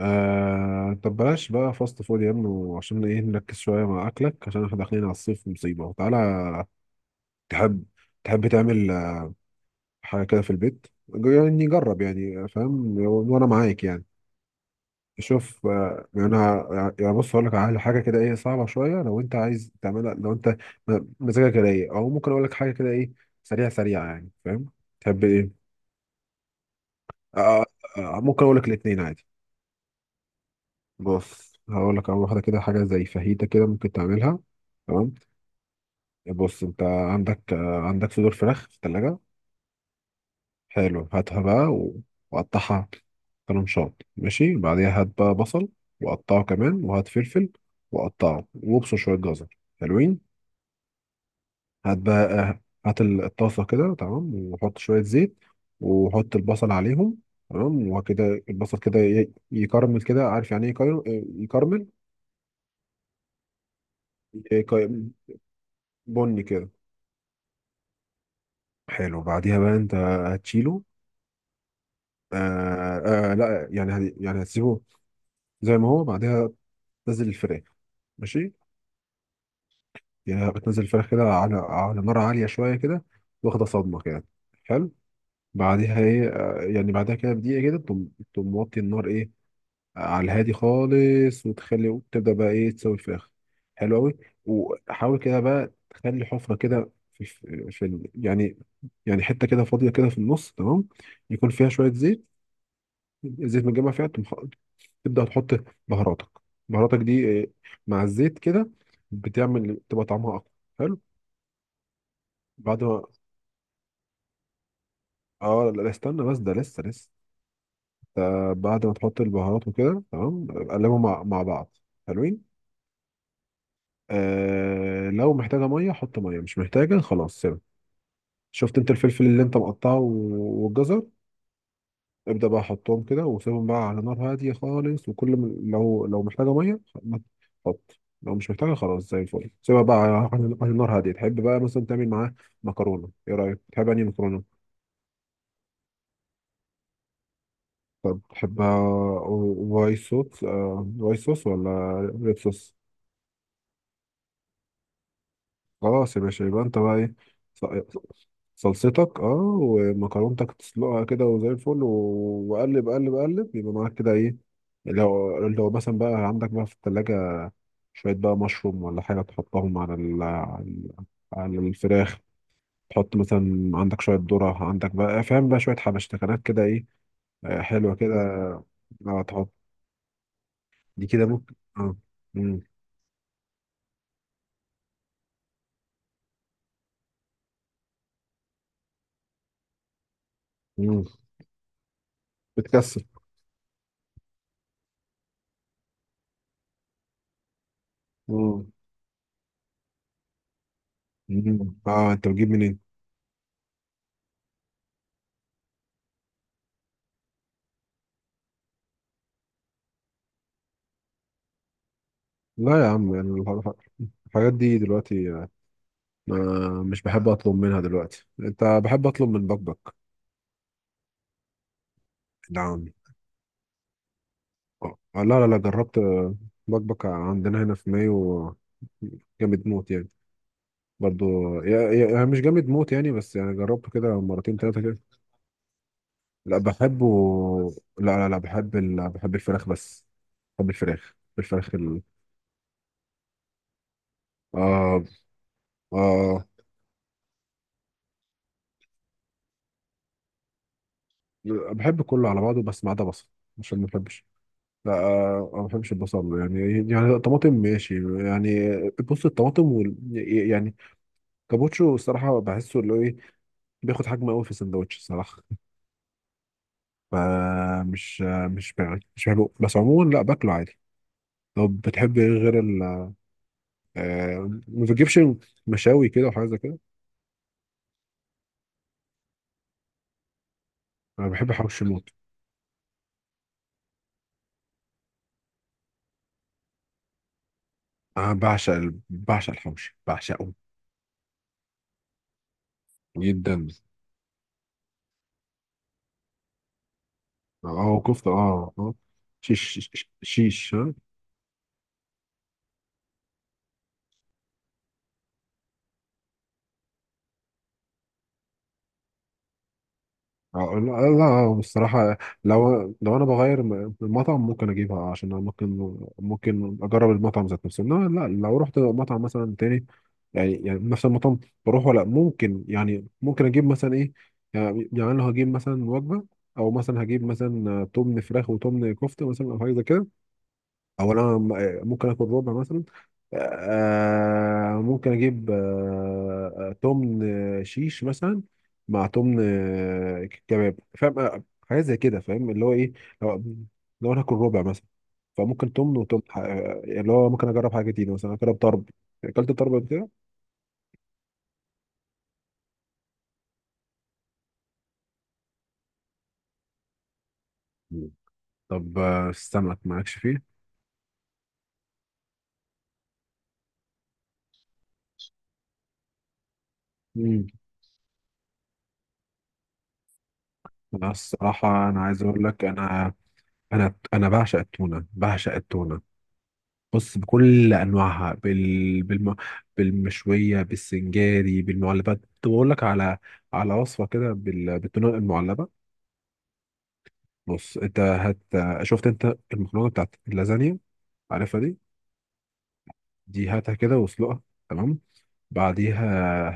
آه، طب بلاش بقى فاست فود يا ابني، عشان ايه؟ نركز شوية مع أكلك عشان احنا داخلين على الصيف مصيبة. تعالى. تحب تحب تعمل حاجة كده في البيت؟ يعني جرب، يعني فاهم، وأنا معاك يعني. شوف، يعني أنا يعني بص هقول لك على حاجة كده ايه، صعبة شوية لو أنت عايز تعملها. لو أنت مزاجك رايق، أو ممكن أقول لك حاجة كده ايه، سريعة سريعة، يعني فاهم. تحب ايه؟ آه، آه، آه، ممكن أقول لك الاتنين عادي. بص، هقول لك على واحدة كده، حاجة زي فاهيتا كده ممكن تعملها. تمام. بص، انت عندك، عندك صدور فراخ في التلاجة. حلو، هاتها بقى وقطعها طرنشات، ماشي. بعديها هات بقى بصل وقطعه كمان، وهات فلفل وقطعه، وابصر شوية جزر حلوين. هات بقى، هات الطاسة كده، تمام، وحط شوية زيت وحط البصل عليهم. تمام. وكده البصل كده يكرمل كده، عارف يعني ايه يكرمل؟ يكرمل يك- بني كده. حلو. بعديها بقى انت هتشيله؟ آه لا يعني يعني هتسيبه زي ما هو. بعدها تنزل الفراخ. ماشي. يعني بتنزل الفراخ كده على نار عالية شوية كده، واخدة صدمة كده. حلو. بعديها ايه، يعني بعدها كده بدقيقة كده تقوم موطي النار، ايه، على الهادي خالص. وتخلي وتبدأ بقى ايه، تسوي الفراخ. حلو قوي. وحاول كده بقى تخلي حفرة كده في يعني، يعني حتة كده فاضية كده في النص. تمام. يكون فيها شوية زيت، زيت متجمع فيها. تبدأ تحط بهاراتك بهاراتك دي مع الزيت كده، بتعمل تبقى طعمها أقوى. حلو. بعد ما، اه لا، لا، استنى بس، ده لسه لسه. بعد ما تحط البهارات وكده، تمام، قلبهم مع بعض حلوين. آه، لو محتاجة مية حط مية، مش محتاجة خلاص سيبها. شفت انت الفلفل اللي انت مقطعه والجزر؟ ابدأ بقى حطهم كده وسيبهم بقى على نار هادية خالص. وكل ما، لو محتاجة مية حط، لو مش محتاجة خلاص زي الفل سيبها بقى على نار هادية. تحب بقى مثلا تعمل معاه مكرونة؟ ايه رأيك، تحب أنهي مكرونة؟ طب تحبها وايت صوص، ولا ريد صوص؟ خلاص يا باشا، يبقى انت بقى ايه، ص- صلصتك، اه، ومكرونتك تسلقها كده وزي الفل. وقلب قلب قلب، يبقى معاك كده، ايه. لو مثلا بقى عندك بقى في التلاجة شوية بقى مشروم ولا حاجة، تحطهم على على الفراخ. تحط مثلا، عندك شوية ذرة، عندك بقى فاهم بقى شوية حبشتكنات كده، ايه، حلوة كده. اه تحط دي كده، ممكن اه. مم. مم. بتكسر. مم. مم. اه، انت بتجيب منين؟ لا يا عم، يعني الحاجات دي دلوقتي، ما مش بحب اطلب منها دلوقتي. انت بحب اطلب من بكبك. نعم. اه لا، لا، لا، جربت. بكبك عندنا هنا في مايو، جامد موت يعني، برضو. يعني مش جامد موت يعني، بس يعني جربته كده مرتين ثلاثة كده. لا بحبه. لا، لا، لا، بحب بحب الفراخ بس. بحب الفراخ، الفراخ آه. آه، بحب كله على بعضه بس ما عدا بصل، عشان ما بحبش. لا، آه، ما بحبش البصل يعني. يعني طماطم ماشي يعني. بص الطماطم يعني كابوتشو، الصراحة بحسه اللي هو ايه، بياخد حجم قوي في السندوتش الصراحة. فمش مش بحبه، بس عموما لا باكله عادي. طب بتحب ايه غير؟ آه، ما بتجيبش مشاوي كده وحاجات زي كده. انا بحب حوش الموت. انا بعشق بعشق الحوش، بعشقه جدا. اه، كفته، اه، اه، شيش، شيش, شيش. لا، لا، بصراحة. لو أنا بغير المطعم ممكن أجيبها، عشان أنا ممكن، ممكن أجرب المطعم ذات نفسه، إنما لا، لو رحت مطعم مثلا تاني، يعني نفس المطعم بروح، ولا ممكن يعني ممكن أجيب مثلا إيه، يعني لو هجيب مثلا وجبة، أو مثلا هجيب مثلا تمن فراخ وتمن كفتة مثلا، أو حاجة زي كده. او انا ممكن اكل ربع مثلا، ممكن اجيب، تمن، شيش مثلا، مع تمن، كباب، فاهم، حاجات زي كده، فاهم اللي هو ايه، لو لو انا هاكل ربع مثلا، فممكن تمن وتمن، اللي هو ممكن اجرب حاجه جديده، مثلا اجرب طرب. اكلت طرب قبل كده؟ مم. طب، السمك مالكش فيه؟ مم. أنا الصراحه انا عايز اقول لك، انا انا بعشق التونه، بعشق التونه. بص، بكل انواعها، بالمشويه، بالسنجاري، بالمعلبات. طب اقول لك على وصفه كده بالتونه المعلبه. بص انت شفت انت المكرونه بتاعت اللازانيا، عارفها دي؟ دي هاتها كده واسلقها. تمام. بعديها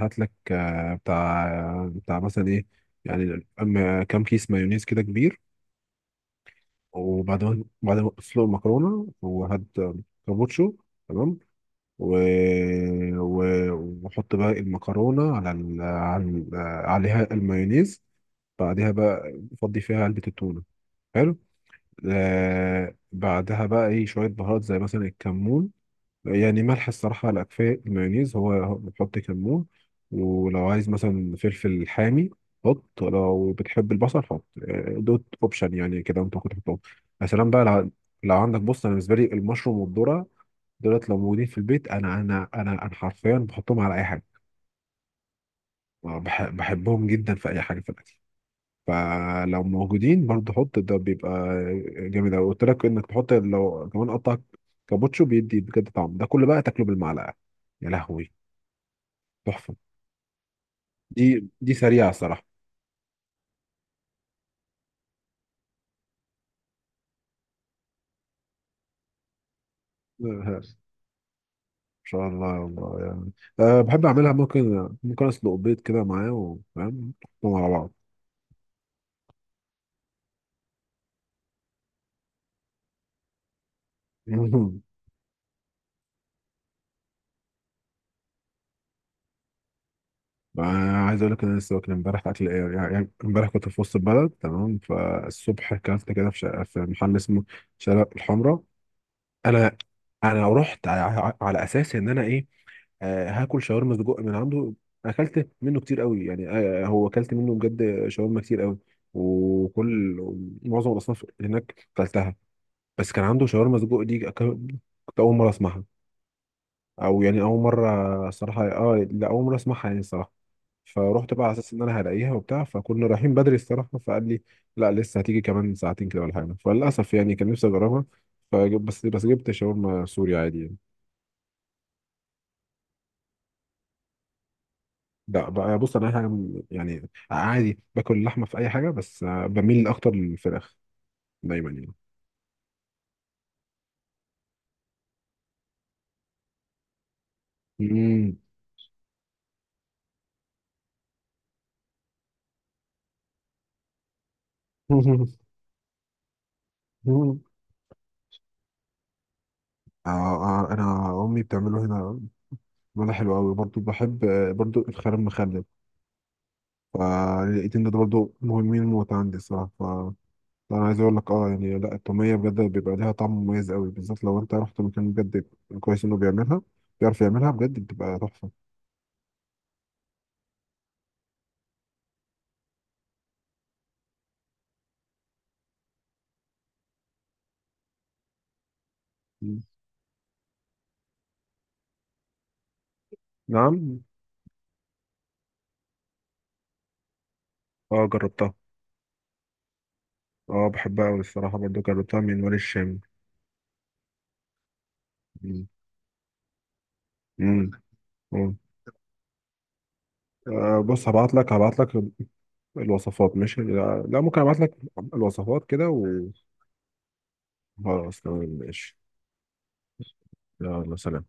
هات لك، بتاع مثلا ايه، يعني أما كام كيس مايونيز كده كبير. وبعد ما بعد ما تسلق المكرونه، وهات كابوتشو. تمام. و... و... وأحط بقى المكرونة على عليها المايونيز. بعدها بقى أفضي فيها علبة التونة. حلو. بعدها بقى إيه، شوية بهارات زي مثلا الكمون، يعني ملح الصراحة لا، كفاية المايونيز هو بتحط كمون. ولو عايز مثلا فلفل حامي حط. لو بتحب البصل حط. دوت اوبشن يعني كده انت ممكن تحطهم. يا سلام بقى، لو عندك، بص انا بالنسبه لي المشروم والذره، دولت لو موجودين في البيت، انا حرفيا بحطهم على اي حاجه. بحبهم جدا في اي حاجه في الاكل. فلو موجودين برضه حط، ده بيبقى جامد قوي. قلت لك انك تحط، لو كمان قطع كابوتشو بيدي، بجد طعم ده كله بقى تاكله بالمعلقه. يا لهوي، تحفه. دي سريعه الصراحه. ان شاء الله يا الله يعني. أه، بحب اعملها. ممكن اسلق بيض كده معاه، وفاهم نحطهم على بعض. عايز اقول لك إن انا لسه واكل امبارح. اكل ايه يعني امبارح كنت في وسط البلد. تمام. فالصبح اكلت كده في شقة، في محل اسمه شارع الحمراء. انا انا رحت على اساس ان انا ايه، هاكل شاورما سجق من عنده. اكلت منه كتير قوي يعني. هو اكلت منه بجد شاورما كتير قوي، وكل معظم الاصناف اللي هناك اكلتها. بس كان عنده شاورما سجق دي، كنت اول مره اسمعها، او يعني اول مره الصراحه، اه لا، اول مره اسمعها يعني الصراحه. فروحت بقى على اساس ان انا هلاقيها وبتاع، فكنا رايحين بدري الصراحه فقال لي لا، لسه هتيجي كمان ساعتين كده ولا حاجه، فللاسف يعني كان نفسي اجربها. فجب بس جبت شاورما سوري عادي يعني. لا بقى، بص انا أي حاجه يعني عادي باكل اللحمه في اي حاجه، بس بميل اكتر للفراخ دايما يعني. امم. آه. آه، انا امي بتعمله هنا، بيعمله حلو قوي. برضو بحب، برضو الخيار المخلل، فالاتنين دول برضو مهمين موت عندي الصراحه. لا، انا عايز اقول لك، يعني لا، التوميه بجد بيبقى ليها طعم مميز قوي، بالذات لو انت رحت مكان بجد كويس انه بيعملها، بيعرف يعملها بجد، بتبقى تحفه. مم. نعم. اه، جربتها. اه، بحبها قوي الصراحه، برضه جربتها من وادي الشام. مم. مم. مم. آه، بص، هبعت لك، الوصفات ماشي. لا, لا، ممكن ابعت لك الوصفات كده وخلاص، تمام ماشي. يلا سلام.